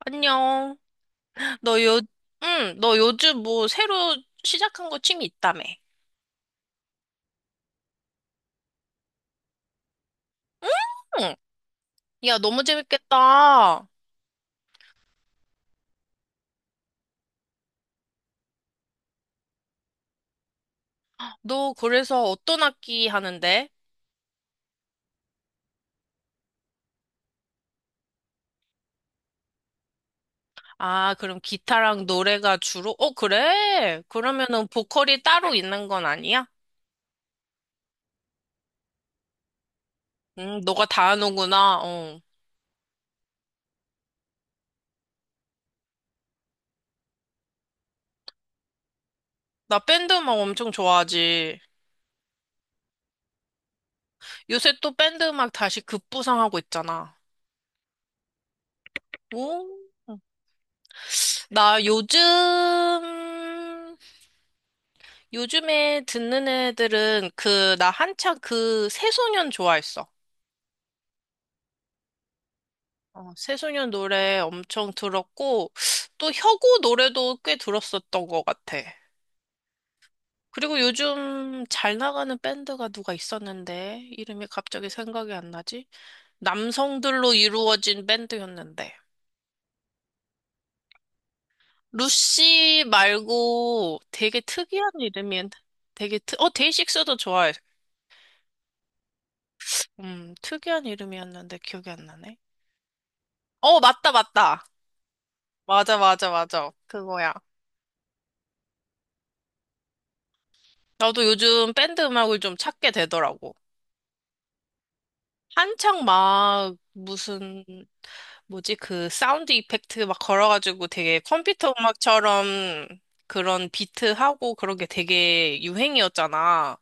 안녕. 너 요, 응, 너 요즘 뭐 새로 시작한 거 취미 있다며? 응. 야, 너무 재밌겠다. 너 그래서 어떤 악기 하는데? 아, 그럼 기타랑 노래가 주로? 어, 그래. 그러면은 보컬이 따로 있는 건 아니야? 응, 너가 다 하는구나. 어. 나 밴드 음악 엄청 좋아하지. 요새 또 밴드 음악 다시 급부상하고 있잖아. 오. 나 요즘에 듣는 애들은 그, 나 한창 그 새소년 좋아했어. 어, 새소년 노래 엄청 들었고, 또 혁오 노래도 꽤 들었었던 것 같아. 그리고 요즘 잘 나가는 밴드가 누가 있었는데, 이름이 갑자기 생각이 안 나지? 남성들로 이루어진 밴드였는데. 루시 말고 되게 특이한 이름이, 데이식스도 좋아해. 특이한 이름이었는데 기억이 안 나네. 어, 맞다, 맞다. 맞아, 맞아, 맞아. 그거야. 나도 요즘 밴드 음악을 좀 찾게 되더라고. 한창 막 무슨 뭐지 그 사운드 이펙트 막 걸어가지고 되게 컴퓨터 음악처럼 그런 비트하고 그런 게 되게 유행이었잖아.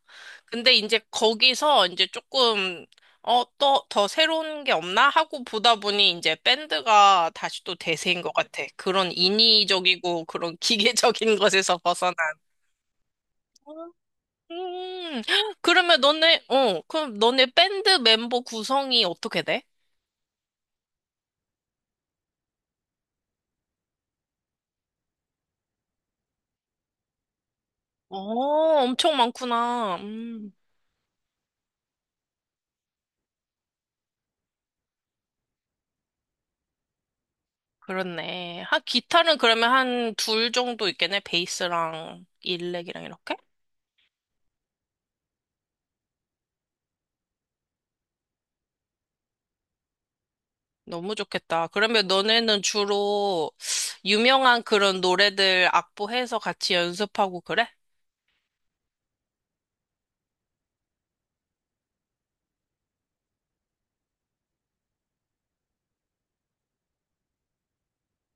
근데 이제 거기서 이제 조금 또 더 새로운 게 없나 하고 보다 보니 이제 밴드가 다시 또 대세인 것 같아. 그런 인위적이고 그런 기계적인 것에서 벗어난. 음, 그럼 너네 밴드 멤버 구성이 어떻게 돼? 어, 엄청 많구나. 그렇네. 기타는 그러면 한 둘 정도 있겠네. 베이스랑 일렉이랑 이렇게? 너무 좋겠다. 그러면 너네는 주로 유명한 그런 노래들 악보해서 같이 연습하고 그래?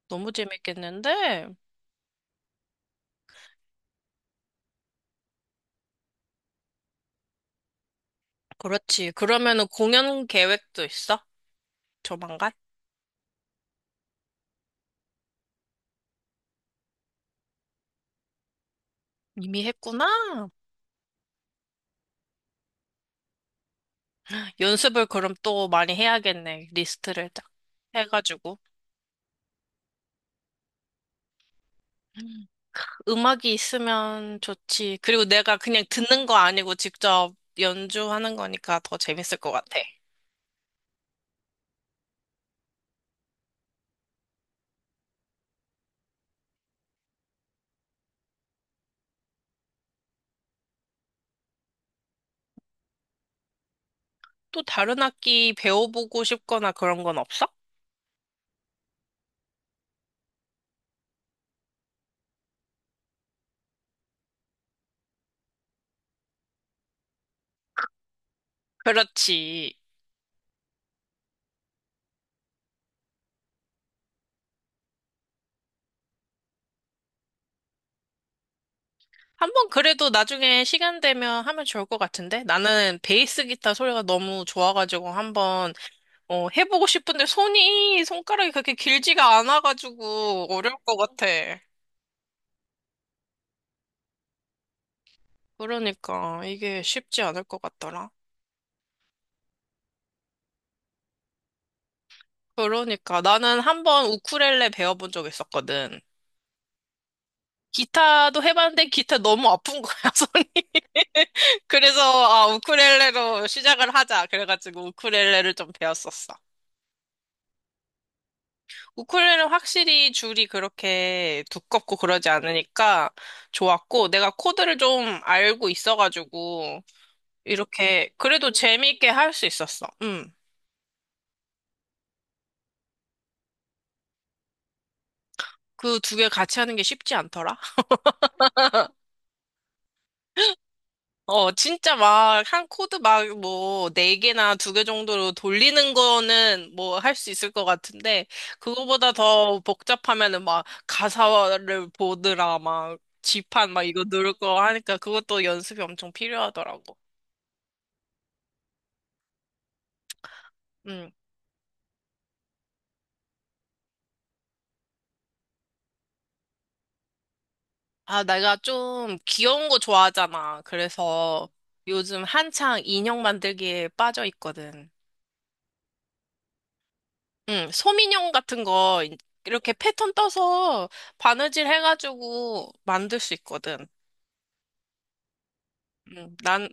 너무 재밌겠는데? 그렇지. 그러면은 공연 계획도 있어? 조만간? 이미 했구나. 연습을 그럼 또 많이 해야겠네. 리스트를 딱 해가지고. 음. 음악이 있으면 좋지. 그리고 내가 그냥 듣는 거 아니고 직접 연주하는 거니까 더 재밌을 것 같아. 또 다른 악기 배워보고 싶거나 그런 건 없어? 그렇지. 한번 그래도 나중에 시간 되면 하면 좋을 것 같은데? 나는 베이스 기타 소리가 너무 좋아가지고 한번 해보고 싶은데 손가락이 그렇게 길지가 않아가지고 어려울 것 같아. 그러니까 이게 쉽지 않을 것 같더라. 그러니까 나는 한 번 우쿨렐레 배워본 적 있었거든. 기타도 해봤는데 기타 너무 아픈 거야, 손이. 그래서 아, 우쿨렐레로 시작을 하자. 그래가지고 우쿨렐레를 좀 배웠었어. 우쿨렐레는 확실히 줄이 그렇게 두껍고 그러지 않으니까 좋았고 내가 코드를 좀 알고 있어가지고 이렇게 그래도 재미있게 할 수 있었어. 음. 그 두 개 같이 하는 게 쉽지 않더라. 어, 진짜 막, 한 코드 막, 뭐, 네 개나 두 개 정도로 돌리는 거는 뭐, 할 수 있을 것 같은데, 그거보다 더 복잡하면은 막, 가사를 보느라 막, 지판 막 이거 누를 거 하니까 그것도 연습이 엄청 필요하더라고. 음. 아, 내가 좀 귀여운 거 좋아하잖아. 그래서 요즘 한창 인형 만들기에 빠져 있거든. 응, 솜인형 같은 거 이렇게 패턴 떠서 바느질 해가지고 만들 수 있거든. 난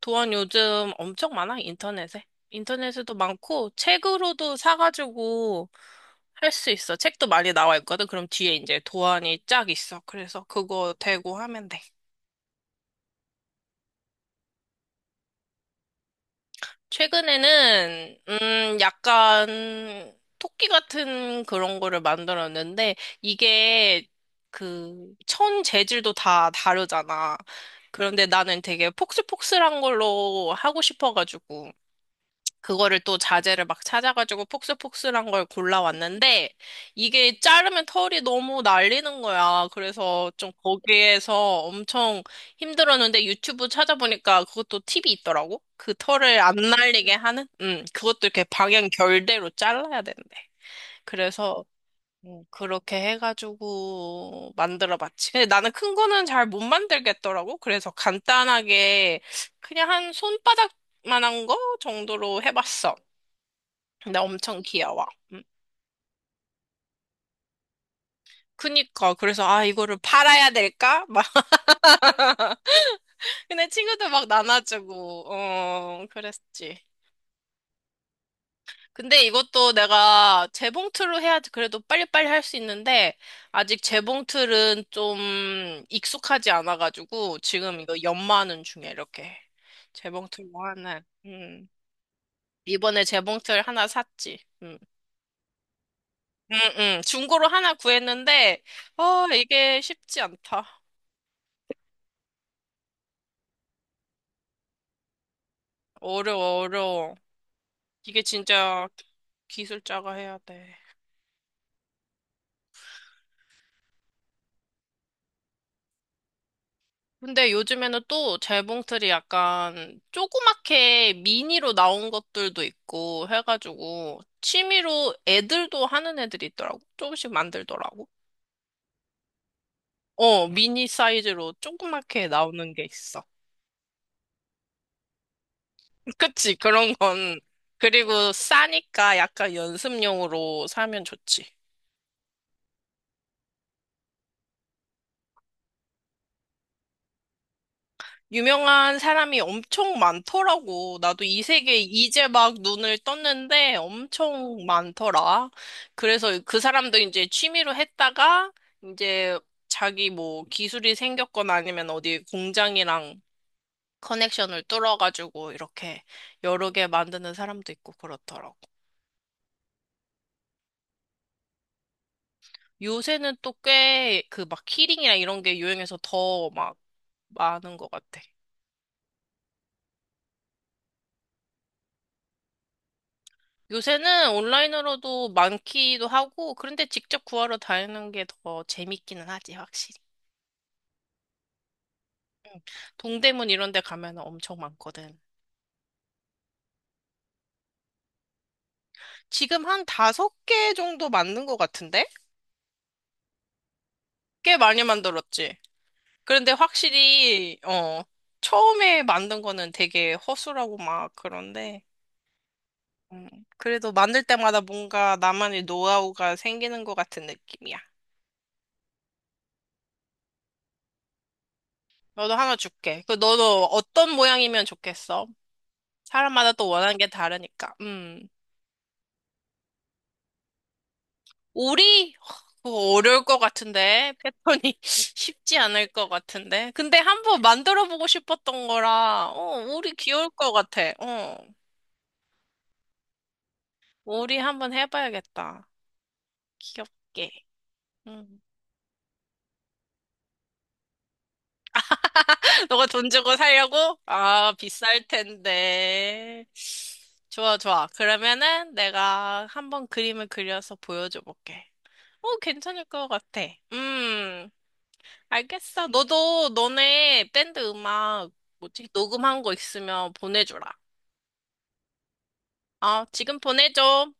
도안 요즘 엄청 많아, 인터넷에. 인터넷에도 많고, 책으로도 사가지고 할 수 있어. 책도 많이 나와 있거든. 그럼 뒤에 이제 도안이 쫙 있어. 그래서 그거 대고 하면 돼. 최근에는, 약간 토끼 같은 그런 거를 만들었는데, 이게 그 천 재질도 다 다르잖아. 그런데 나는 되게 폭슬폭슬한 걸로 하고 싶어가지고. 그거를 또 자재를 막 찾아가지고 폭스폭스한 걸 골라왔는데 이게 자르면 털이 너무 날리는 거야. 그래서 좀 거기에서 엄청 힘들었는데 유튜브 찾아보니까 그것도 팁이 있더라고. 그 털을 안 날리게 하는? 그것도 이렇게 방향 결대로 잘라야 된대. 그래서 그렇게 해가지고 만들어봤지. 근데 나는 큰 거는 잘 못 만들겠더라고. 그래서 간단하게 그냥 한 손바닥 만한 거 정도로 해봤어. 나 엄청 귀여워. 음. 그니까 그래서 아, 이거를 팔아야 될까? 막 근데 친구들 막 나눠주고 그랬지. 근데 이것도 내가 재봉틀로 해야지 그래도 빨리빨리 할 수 있는데 아직 재봉틀은 좀 익숙하지 않아가지고 지금 이거 연마하는 중이야, 이렇게 재봉틀로 하는. 음. 이번에 재봉틀 하나 샀지. 음. 음, 중고로 하나 구했는데 아, 이게 쉽지 않다. 어려워, 어려워. 이게 진짜 기술자가 해야 돼. 근데 요즘에는 또 재봉틀이 약간 조그맣게 미니로 나온 것들도 있고 해가지고 취미로 애들도 하는 애들이 있더라고. 조금씩 만들더라고. 어, 미니 사이즈로 조그맣게 나오는 게 있어. 그치, 그런 건. 그리고 싸니까 약간 연습용으로 사면 좋지. 유명한 사람이 엄청 많더라고. 나도 이 세계에 이제 막 눈을 떴는데 엄청 많더라. 그래서 그 사람도 이제 취미로 했다가 이제 자기 뭐 기술이 생겼거나 아니면 어디 공장이랑 커넥션을 뚫어가지고 이렇게 여러 개 만드는 사람도 있고 그렇더라고. 요새는 또 꽤 그 막 키링이나 이런 게 유행해서 더 막 많은 것 같아. 요새는 온라인으로도 많기도 하고, 그런데 직접 구하러 다니는 게 더 재밌기는 하지, 확실히. 동대문 이런 데 가면 엄청 많거든. 지금 한 다섯 개 정도 만든 것 같은데? 꽤 많이 만들었지. 그런데 확실히, 처음에 만든 거는 되게 허술하고 막 그런데, 음, 그래도 만들 때마다 뭔가 나만의 노하우가 생기는 것 같은 느낌이야. 너도 하나 줄게. 그 너도 어떤 모양이면 좋겠어? 사람마다 또 원하는 게 다르니까. 음. 오리? 그 어려울 것 같은데. 패턴이 쉽지 않을 것 같은데. 근데 한번 만들어 보고 싶었던 거라, 어, 오리 귀여울 것 같아. 어, 오리 한번 해봐야겠다. 귀엽게. 음. 너가 돈 주고 살려고? 아, 비쌀 텐데. 좋아, 좋아. 그러면은 내가 한번 그림을 그려서 보여줘 볼게. 어, 괜찮을 것 같아. 음. 알겠어. 너도 너네 밴드 음악 뭐지? 녹음한 거 있으면 보내줘라. 어, 지금 보내줘.